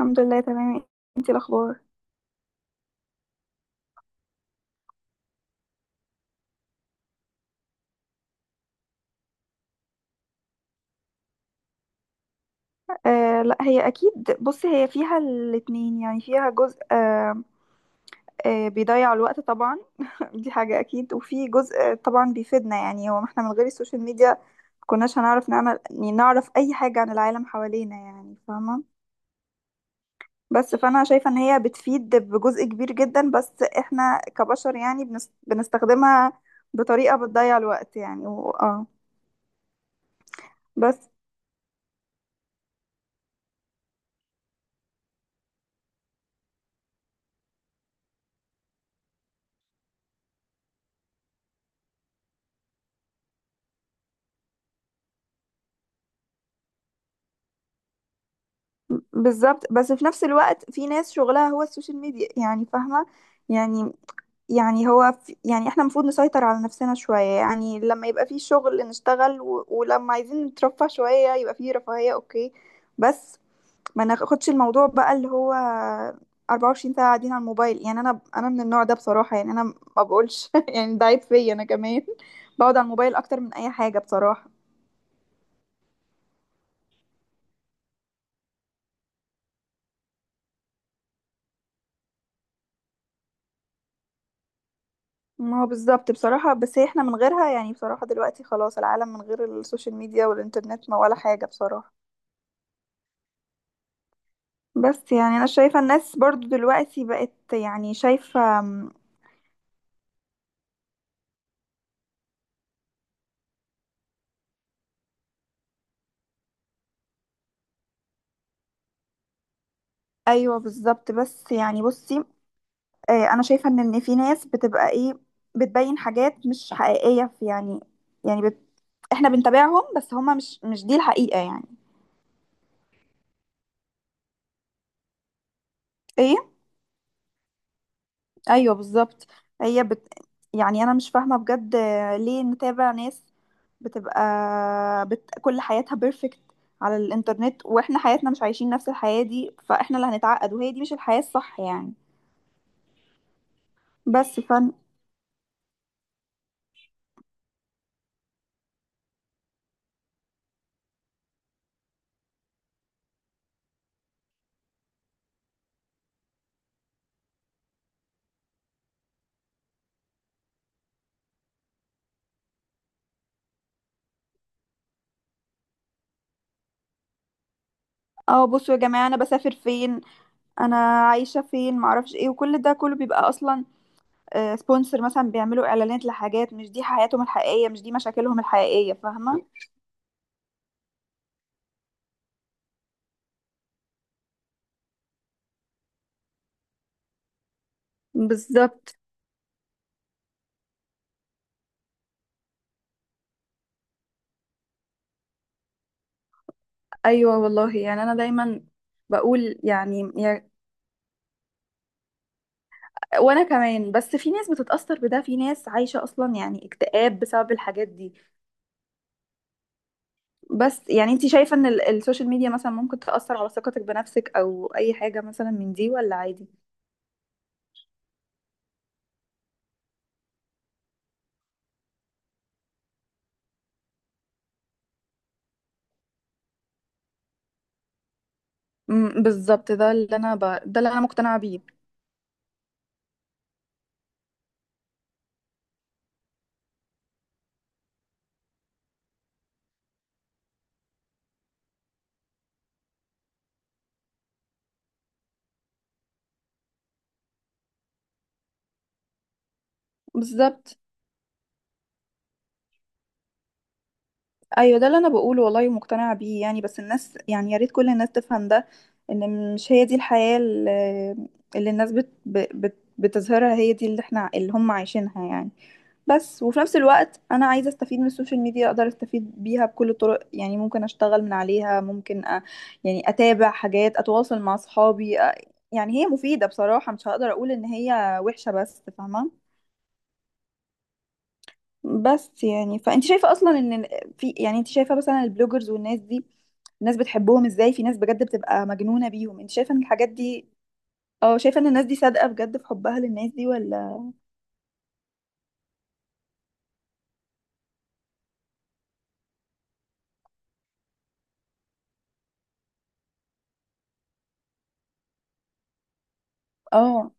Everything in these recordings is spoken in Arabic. الحمد لله تمام. انتي الاخبار؟ آه، لا، هي اكيد. بصي، هي فيها الاتنين، يعني فيها جزء. آه، بيضيع الوقت طبعا. دي حاجة اكيد، وفي جزء طبعا بيفيدنا، يعني هو ما احنا من غير السوشيال ميديا كناش هنعرف نعمل، يعني نعرف اي حاجة عن العالم حوالينا، يعني فاهمة. بس فانا شايفة ان هي بتفيد بجزء كبير جدا، بس احنا كبشر يعني بنستخدمها بطريقة بتضيع الوقت، يعني بس. بالظبط. بس في نفس الوقت في ناس شغلها هو السوشيال ميديا، يعني فاهمة. يعني يعني هو في، يعني احنا المفروض نسيطر على نفسنا شوية، يعني لما يبقى في شغل نشتغل، و... ولما عايزين نترفه شوية يبقى في رفاهية اوكي. بس ما ناخدش الموضوع بقى اللي هو 24 ساعة قاعدين على الموبايل، يعني انا من النوع ده بصراحة، يعني انا ما بقولش يعني ده عيب فيا انا كمان. بقعد على الموبايل اكتر من اي حاجة بصراحة. ما هو بالظبط بصراحة، بس احنا من غيرها يعني بصراحة دلوقتي خلاص العالم من غير السوشيال ميديا والإنترنت ما ولا حاجة بصراحة. بس يعني أنا شايفة الناس برضو دلوقتي بقت، يعني شايفة أيوة بالظبط. بس يعني بصي، أنا شايفة إن في ناس بتبقى إيه، بتبين حاجات مش حقيقية في يعني، يعني بت... احنا بنتابعهم، بس هما مش دي الحقيقة يعني. ايه، ايوه بالظبط. هي بت... يعني انا مش فاهمه بجد ليه نتابع ناس بتبقى كل حياتها بيرفكت على الانترنت، واحنا حياتنا مش عايشين نفس الحياه دي، فاحنا اللي هنتعقد، وهي دي مش الحياه الصح يعني. بس فن اه، بصوا يا جماعه، انا بسافر فين، انا عايشه فين، معرفش ايه، وكل ده كله بيبقى اصلا سبونسر، مثلا بيعملوا اعلانات لحاجات مش دي حياتهم الحقيقيه، مش دي مشاكلهم الحقيقيه، فاهمه. بالظبط. ايوه والله، يعني انا دايما بقول يعني. وانا كمان، بس في ناس بتتأثر بده، في ناس عايشة اصلا يعني اكتئاب بسبب الحاجات دي. بس يعني انت شايفة ان السوشيال ميديا مثلا ممكن تأثر على ثقتك بنفسك او اي حاجة مثلا من دي، ولا عادي؟ بالظبط، ده اللي انا مقتنعة بيه. بالظبط. ايوه ده اللي انا بقوله والله ومقتنعة بيه يعني، بس الناس يعني يا ريت كل الناس تفهم ده، ان مش هي دي الحياة اللي الناس بتظهرها، هي دي اللي احنا اللي هم عايشينها يعني. بس وفي نفس الوقت انا عايزه استفيد من السوشيال ميديا، اقدر استفيد بيها بكل الطرق، يعني ممكن اشتغل من عليها، ممكن يعني اتابع حاجات، اتواصل مع اصحابي، يعني هي مفيده بصراحه، مش هقدر اقول ان هي وحشه، بس فاهمه. بس يعني فانت شايفه اصلا ان في، يعني انت شايفه مثلا البلوجرز والناس دي الناس بتحبهم ازاي، في ناس بجد بتبقى مجنونه بيهم، انت شايفه ان الحاجات دي، اه، شايفه ان الناس دي صادقه بجد في حبها للناس دي ولا؟ اه.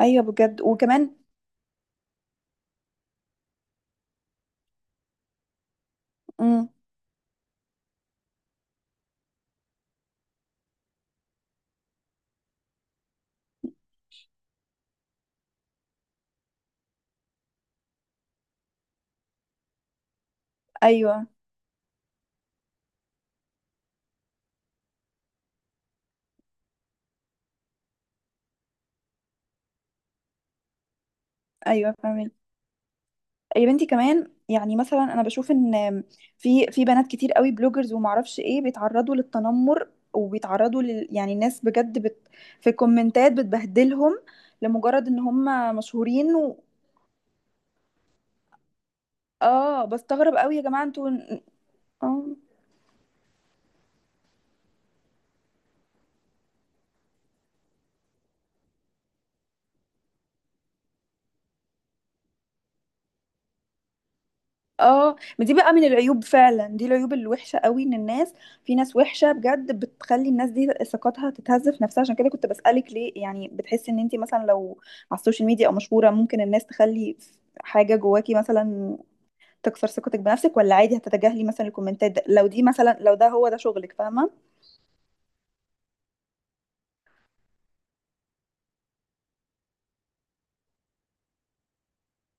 ايوه بجد وكمان. امم. ايوه. ايوه فاهمك. يا بنتي كمان، يعني مثلا انا بشوف ان في بنات كتير قوي بلوجرز ومعرفش ايه بيتعرضوا للتنمر وبيتعرضوا لل، يعني الناس بجد بت، في الكومنتات بتبهدلهم لمجرد ان هم مشهورين اه، بستغرب قوي يا جماعه انتوا. اه. اه، ما دي بقى من العيوب فعلا، دي العيوب الوحشه قوي، ان الناس في ناس وحشه بجد بتخلي الناس دي ثقتها تتهز في نفسها، عشان كده كنت بسألك ليه، يعني بتحسي ان انت مثلا لو على السوشيال ميديا او مشهوره، ممكن الناس تخلي حاجه جواكي مثلا تكسر ثقتك بنفسك، ولا عادي هتتجاهلي مثلا الكومنتات ده، لو دي مثلا لو ده هو ده شغلك فاهمه؟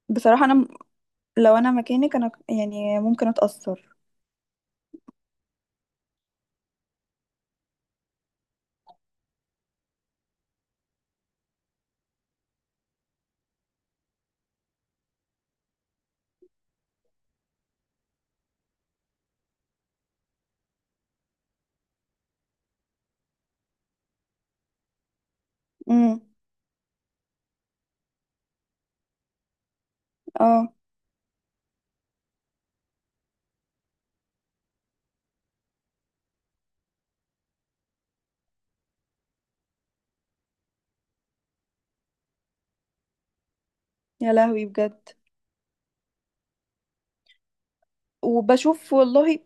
بصراحه لو انا مكانك انا يعني ممكن اتأثر. امم. اه. يا لهوي بجد. وبشوف والله.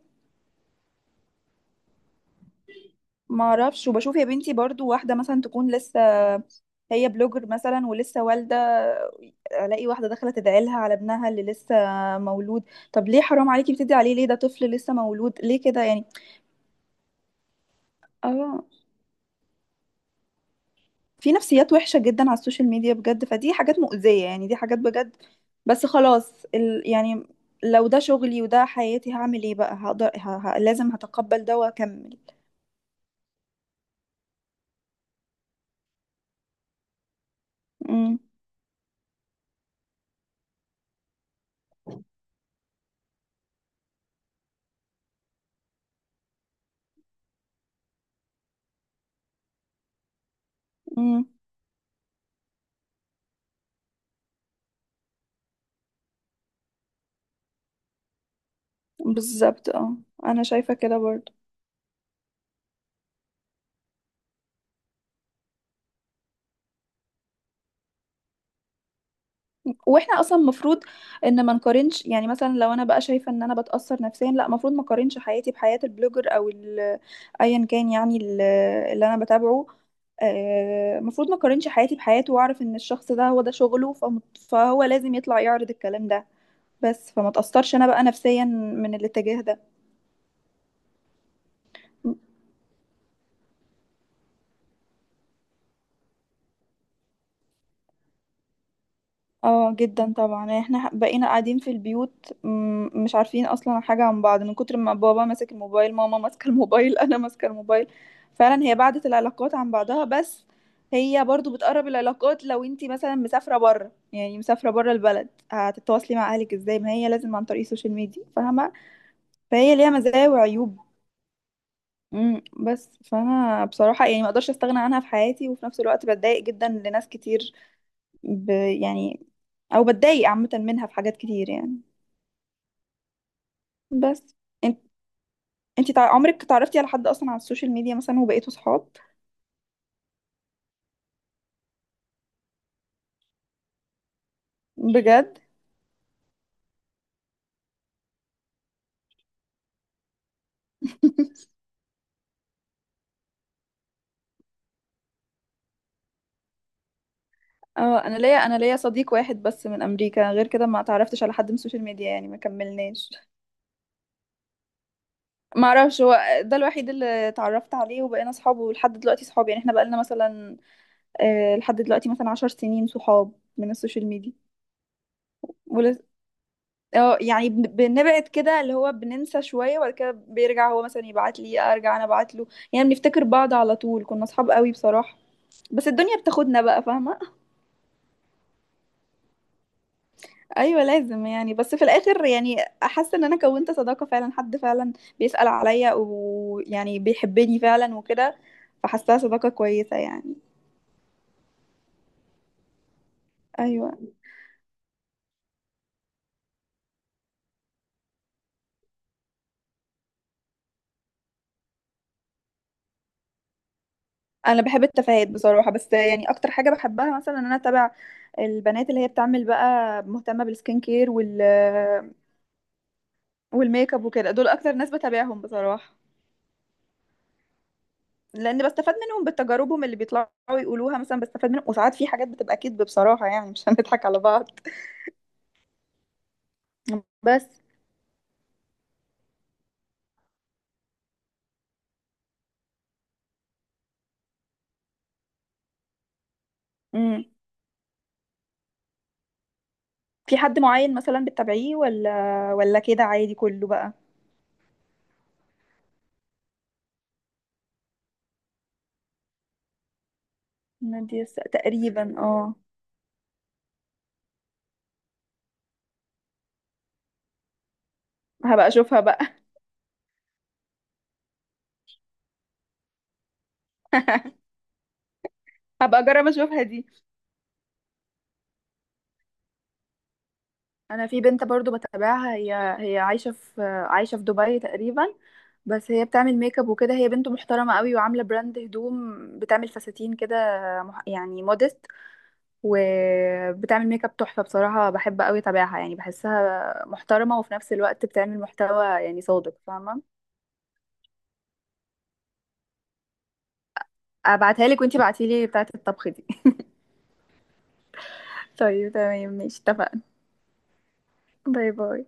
ما اعرفش، وبشوف يا بنتي برضو واحده مثلا تكون لسه هي بلوجر مثلا ولسه والده، الاقي واحده داخله تدعي لها على ابنها اللي لسه مولود. طب ليه، حرام عليكي، بتدعي عليه ليه، ده طفل لسه مولود، ليه كده يعني. اه، في نفسيات وحشه جدا على السوشيال ميديا بجد، فدي حاجات مؤذيه يعني، دي حاجات بجد. بس خلاص يعني لو ده شغلي وده حياتي هعمل ايه بقى، هقدر لازم هتقبل ده واكمل. امم. امم بالظبط. اه، انا شايفه كده برضو. واحنا اصلا المفروض ان ما نقارنش، يعني مثلا لو انا بقى شايفه ان انا بتاثر نفسيا، لا المفروض ما اقارنش حياتي بحياه البلوجر او ايا كان يعني اللي انا بتابعه، المفروض ما اقارنش حياتي بحياته واعرف ان الشخص ده هو ده شغله فهو لازم يطلع يعرض الكلام ده، بس فما تاثرش انا بقى نفسيا من الاتجاه ده. اه جدا طبعا، يعني احنا بقينا قاعدين في البيوت مش عارفين اصلا حاجة عن بعض من كتر ما بابا ماسك الموبايل، ماما ماسكة الموبايل، انا ماسكة الموبايل. فعلا هي بعدت العلاقات عن بعضها، بس هي برضو بتقرب العلاقات، لو انتي مثلا مسافرة بره، يعني مسافرة بره البلد هتتواصلي مع اهلك ازاي، ما هي لازم عن طريق السوشيال ميديا، فاهمة. فهي ليها مزايا وعيوب. امم، بس فانا بصراحة يعني ما اقدرش استغنى عنها في حياتي، وفي نفس الوقت بتضايق جدا لناس كتير ب، يعني، او بتضايق عامه منها في حاجات كتير يعني. بس انت عمرك تعرفتي على حد اصلا على السوشيال ميديا مثلا وبقيتوا صحاب؟ بجد. اه، انا ليا صديق واحد بس من امريكا، غير كده ما تعرفتش على حد من السوشيال ميديا يعني، ما كملناش. ما اعرفش، هو ده الوحيد اللي اتعرفت عليه وبقينا صحاب، ولحد دلوقتي صحاب، يعني احنا بقالنا مثلا لحد دلوقتي مثلا 10 سنين صحاب من السوشيال ميديا. اه يعني بنبعد كده اللي هو بننسى شوية، وبعد كده بيرجع هو مثلا يبعت لي، ارجع انا ابعت له، يعني بنفتكر بعض على طول، كنا اصحاب قوي بصراحة، بس الدنيا بتاخدنا بقى فاهمة. ايوه لازم يعني، بس في الاخر يعني حاسة ان انا كونت صداقة فعلا، حد فعلا بيسأل عليا ويعني بيحبني فعلا وكده، فحاساها صداقة كويسة يعني. ايوه، انا بحب التفاهات بصراحة، بس يعني اكتر حاجة بحبها مثلا ان انا اتابع البنات اللي هي بتعمل بقى مهتمة بالسكين كير وال، والميك اب وكده، دول اكتر ناس بتابعهم بصراحة، لان بستفاد منهم بتجاربهم اللي بيطلعوا يقولوها مثلا، بستفاد منهم، وساعات في حاجات بتبقى كذب بصراحة يعني، مش هنضحك على بعض. بس. امم. في حد معين مثلا بتتابعيه، ولا ولا كده عادي كله بقى؟ تقريبا اه. هبقى اشوفها بقى. هبقى اجرب اشوفها دي. انا في بنت برضو بتابعها، هي عايشه في دبي تقريبا، بس هي بتعمل ميك اب وكده، هي بنت محترمه قوي وعامله براند هدوم، بتعمل فساتين كده يعني مودست، وبتعمل ميك اب تحفه بصراحه، بحب قوي اتابعها، يعني بحسها محترمه وفي نفس الوقت بتعمل محتوى يعني صادق فاهمه. ابعتها لك وانتي بعتيلي بتاعه الطبخ دي. طيب تمام ماشي اتفقنا. باي باي.